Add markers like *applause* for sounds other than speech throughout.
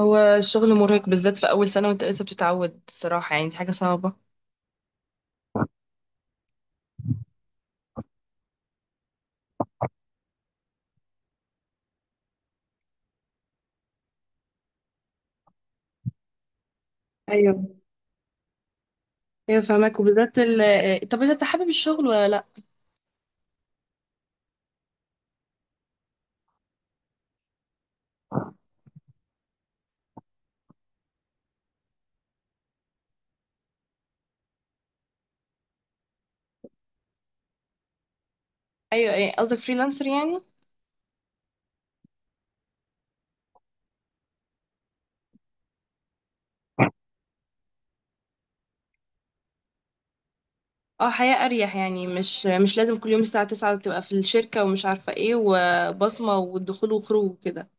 هو الشغل مرهق بالذات في أول سنة وأنت لسه بتتعود الصراحة، يعني دي حاجة صعبة. ايوه، ايوه فاهمك. وبالذات ال طب، انت حابب الشغل ولا لا؟ ايوه، ايه قصدك، فريلانسر يعني؟ اه حياة اريح، يعني مش لازم كل يوم الساعة 9 تبقى في الشركة ومش عارفة ايه وبصمة والدخول وخروج وكده.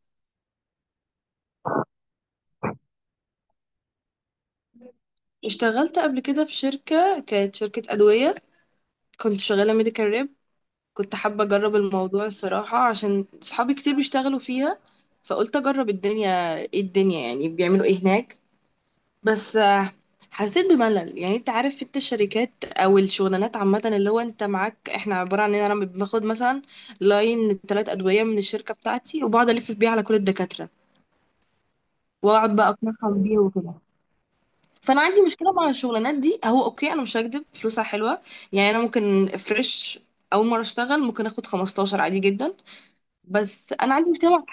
اشتغلت قبل كده في شركة، كانت شركة أدوية. كنت شغالة ميديكال ريب. كنت حابة أجرب الموضوع الصراحة عشان صحابي كتير بيشتغلوا فيها، فقلت أجرب الدنيا ايه، الدنيا يعني بيعملوا ايه هناك. بس حسيت بملل. يعني انت عارف في الشركات او الشغلانات عامه، اللي هو انت معاك، احنا عباره عن ان انا باخد مثلا لاين ثلاث ادويه من الشركه بتاعتي وبقعد الف بيها على كل الدكاتره واقعد بقى اقنعهم بيها وكده. فانا عندي مشكله مع الشغلانات دي، هو اوكي انا مش هكدب فلوسها حلوه، يعني انا ممكن فريش اول مره اشتغل ممكن اخد 15 عادي جدا. بس انا عندي مشكله مع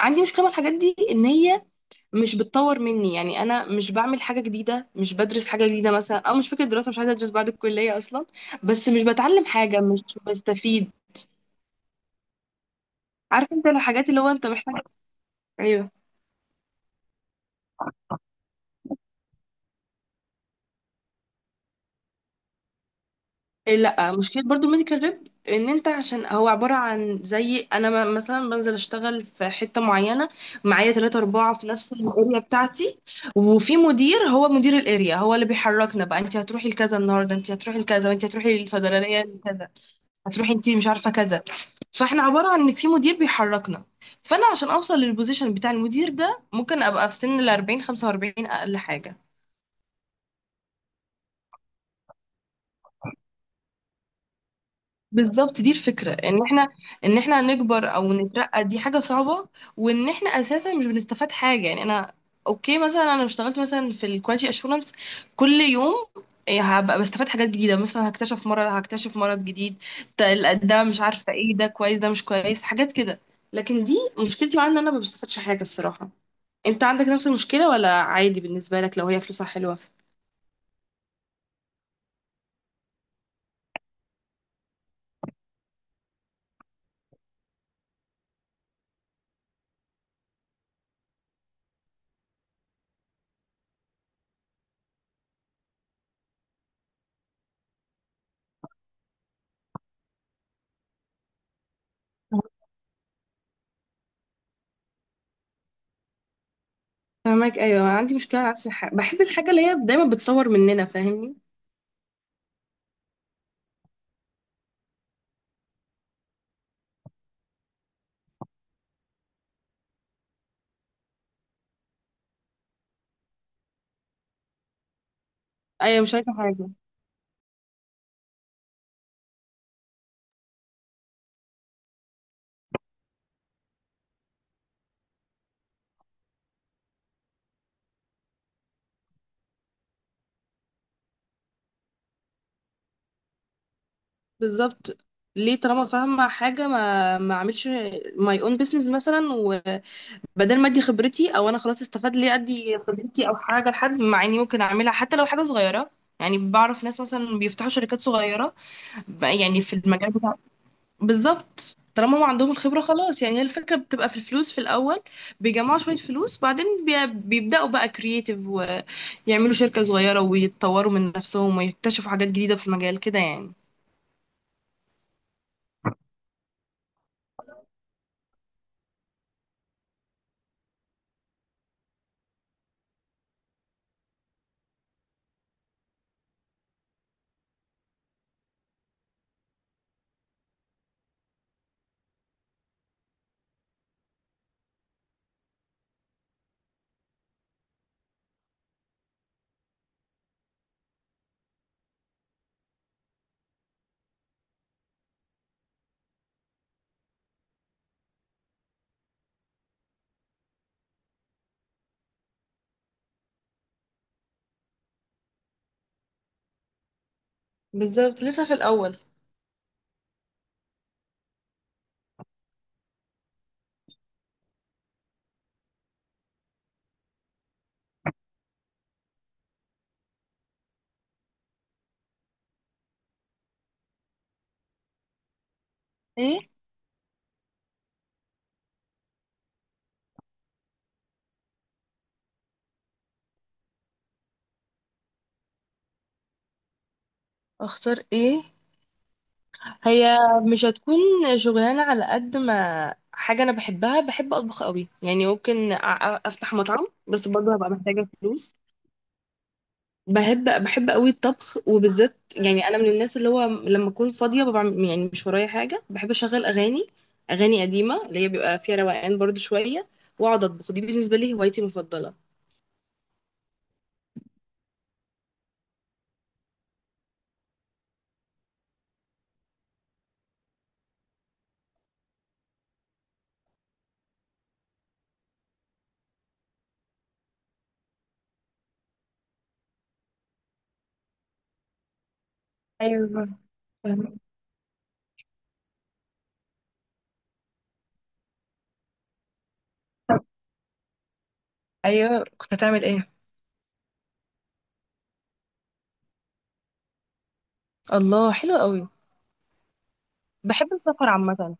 الحاجات دي، ان هي مش بتطور مني. يعني انا مش بعمل حاجه جديده، مش بدرس حاجه جديده مثلا، او مش فكره دراسه، مش عايزه ادرس بعد الكليه اصلا، بس مش بتعلم حاجه، مش بستفيد. عارف انت الحاجات اللي هو انت محتاج. ايوه إيه، لا مشكله برضو الميديكال ريب ان انت، عشان هو عباره عن زي انا مثلا بنزل اشتغل في حته معينه، معايا ثلاثة أربعة في نفس الاريا بتاعتي، وفي مدير، هو مدير الاريا هو اللي بيحركنا بقى، انت هتروحي لكذا النهارده، انت هتروحي لكذا، وانت هتروحي للصيدليه كذا، هتروحي انت مش عارفه كذا. فاحنا عبارة عن ان في مدير بيحركنا، فانا عشان اوصل للبوزيشن بتاع المدير ده ممكن ابقى في سن ال 40 45 اقل حاجة. بالظبط دي الفكرة، ان احنا ان احنا نكبر او نترقى دي حاجة صعبة، وان احنا اساسا مش بنستفاد حاجة. يعني انا اوكي مثلا انا لو اشتغلت مثلا في الكواليتي اشورنس كل يوم إيه، هبقى بستفاد حاجات جديدة، مثلا هكتشف مرض، هكتشف مرض جديد، ده مش عارفة ايه، ده كويس ده مش كويس، حاجات كده. لكن دي مشكلتي معاها، ان انا ما بستفادش حاجة الصراحة. انت عندك نفس المشكلة ولا عادي بالنسبة لك لو هي فلوسها حلوة؟ فاهمك. ايوه أنا عندي مشكلة نفس الحاجة، بحب الحاجة اللي هي دايما بتطور مننا، فاهمني. ايوه مش عايزة حاجة. بالظبط، ليه طالما فاهمة حاجة ما اعملش ماي اون بيزنس مثلا، وبدل ما ادي خبرتي او انا خلاص استفاد، ليه ادي خبرتي او حاجة لحد، مع اني ممكن اعملها حتى لو حاجة صغيرة. يعني بعرف ناس مثلا بيفتحوا شركات صغيرة يعني في المجال. بالظبط طالما ما عندهم الخبرة، خلاص، يعني هي الفكرة بتبقى في الفلوس في الأول، بيجمعوا شوية فلوس بعدين بيبدأوا بقى كرييتيف ويعملوا شركة صغيرة ويتطوروا من نفسهم ويكتشفوا حاجات جديدة في المجال كده يعني. بالظبط لسه في الأول. ايه اختار ايه؟ هي مش هتكون شغلانة على قد ما حاجة انا بحبها. بحب اطبخ قوي، يعني ممكن افتح مطعم، بس برضه هبقى محتاجة فلوس. بحب بحب قوي الطبخ، وبالذات يعني انا من الناس اللي هو لما اكون فاضيه ببقى يعني مش ورايا حاجه، بحب اشغل اغاني، اغاني قديمه اللي هي بيبقى فيها روقان برضو شويه، واقعد اطبخ. دي بالنسبه لي هوايتي المفضله. ايوه فاهمة. طب ايوه كنت هتعمل ايه؟ الله حلو قوي، بحب السفر عامه.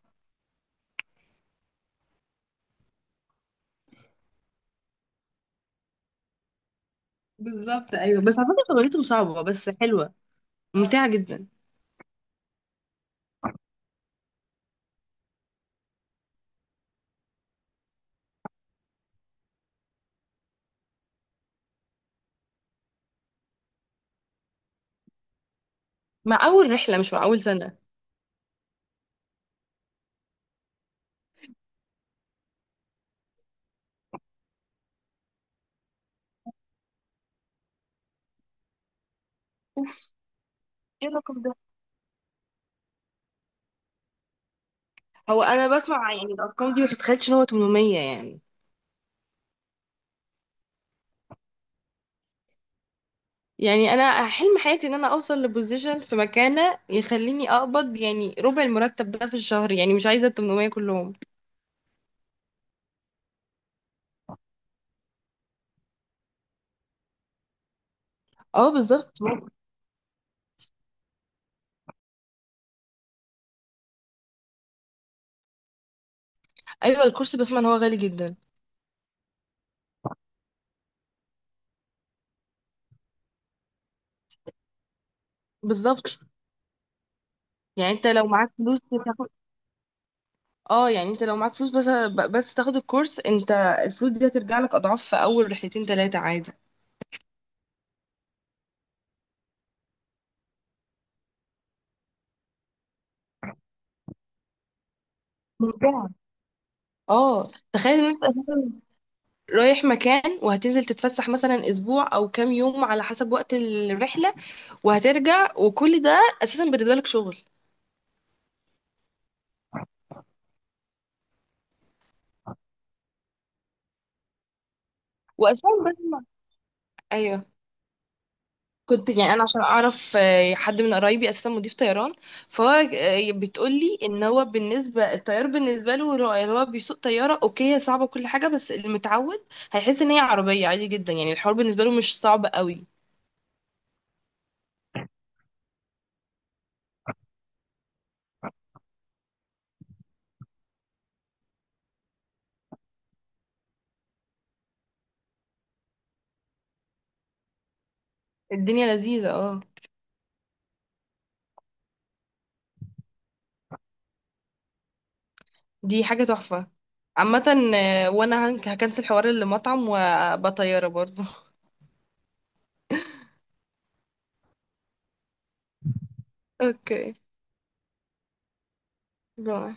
بالظبط ايوه بس على فكره شغلتهم صعبه بس حلوه، ممتعه جدا. مع اول رحله مش مع اول سنه. اوف، ايه الرقم ده؟ هو انا بسمع يعني الارقام دي بس متخيلتش ان هو 800 يعني. يعني انا حلم حياتي ان انا اوصل لبوزيشن في مكانه يخليني اقبض يعني ربع المرتب ده في الشهر، يعني مش عايزه ال 800 كلهم. اه بالظبط. ايوه الكرسي بسمع ان هو غالي جدا. بالظبط، يعني انت لو معاك فلوس تاخد. اه يعني انت لو معاك فلوس بس، بس تاخد الكورس انت، الفلوس دي هترجع لك اضعاف في اول رحلتين ثلاثه عادي. ممتعة اه. تخيل ان انت رايح مكان وهتنزل تتفسح مثلا اسبوع او كام يوم على حسب وقت الرحله، وهترجع، وكل ده اساسا بالنسبه لك شغل. واساسا لازم- ايوه كنت يعني انا عشان اعرف حد من قرايبي اساسا مضيف طيران، فهو بتقول لي ان هو بالنسبه الطيار بالنسبه له، هو هو بيسوق طياره اوكي، هي صعبه كل حاجه، بس المتعود هيحس ان هي عربيه عادي جدا، يعني الحوار بالنسبه له مش صعب قوي. الدنيا لذيذه اه. دي حاجة تحفة عامة. وانا هكنسل حوار المطعم وبطيارة برضو. *laughs* اوكي، باي.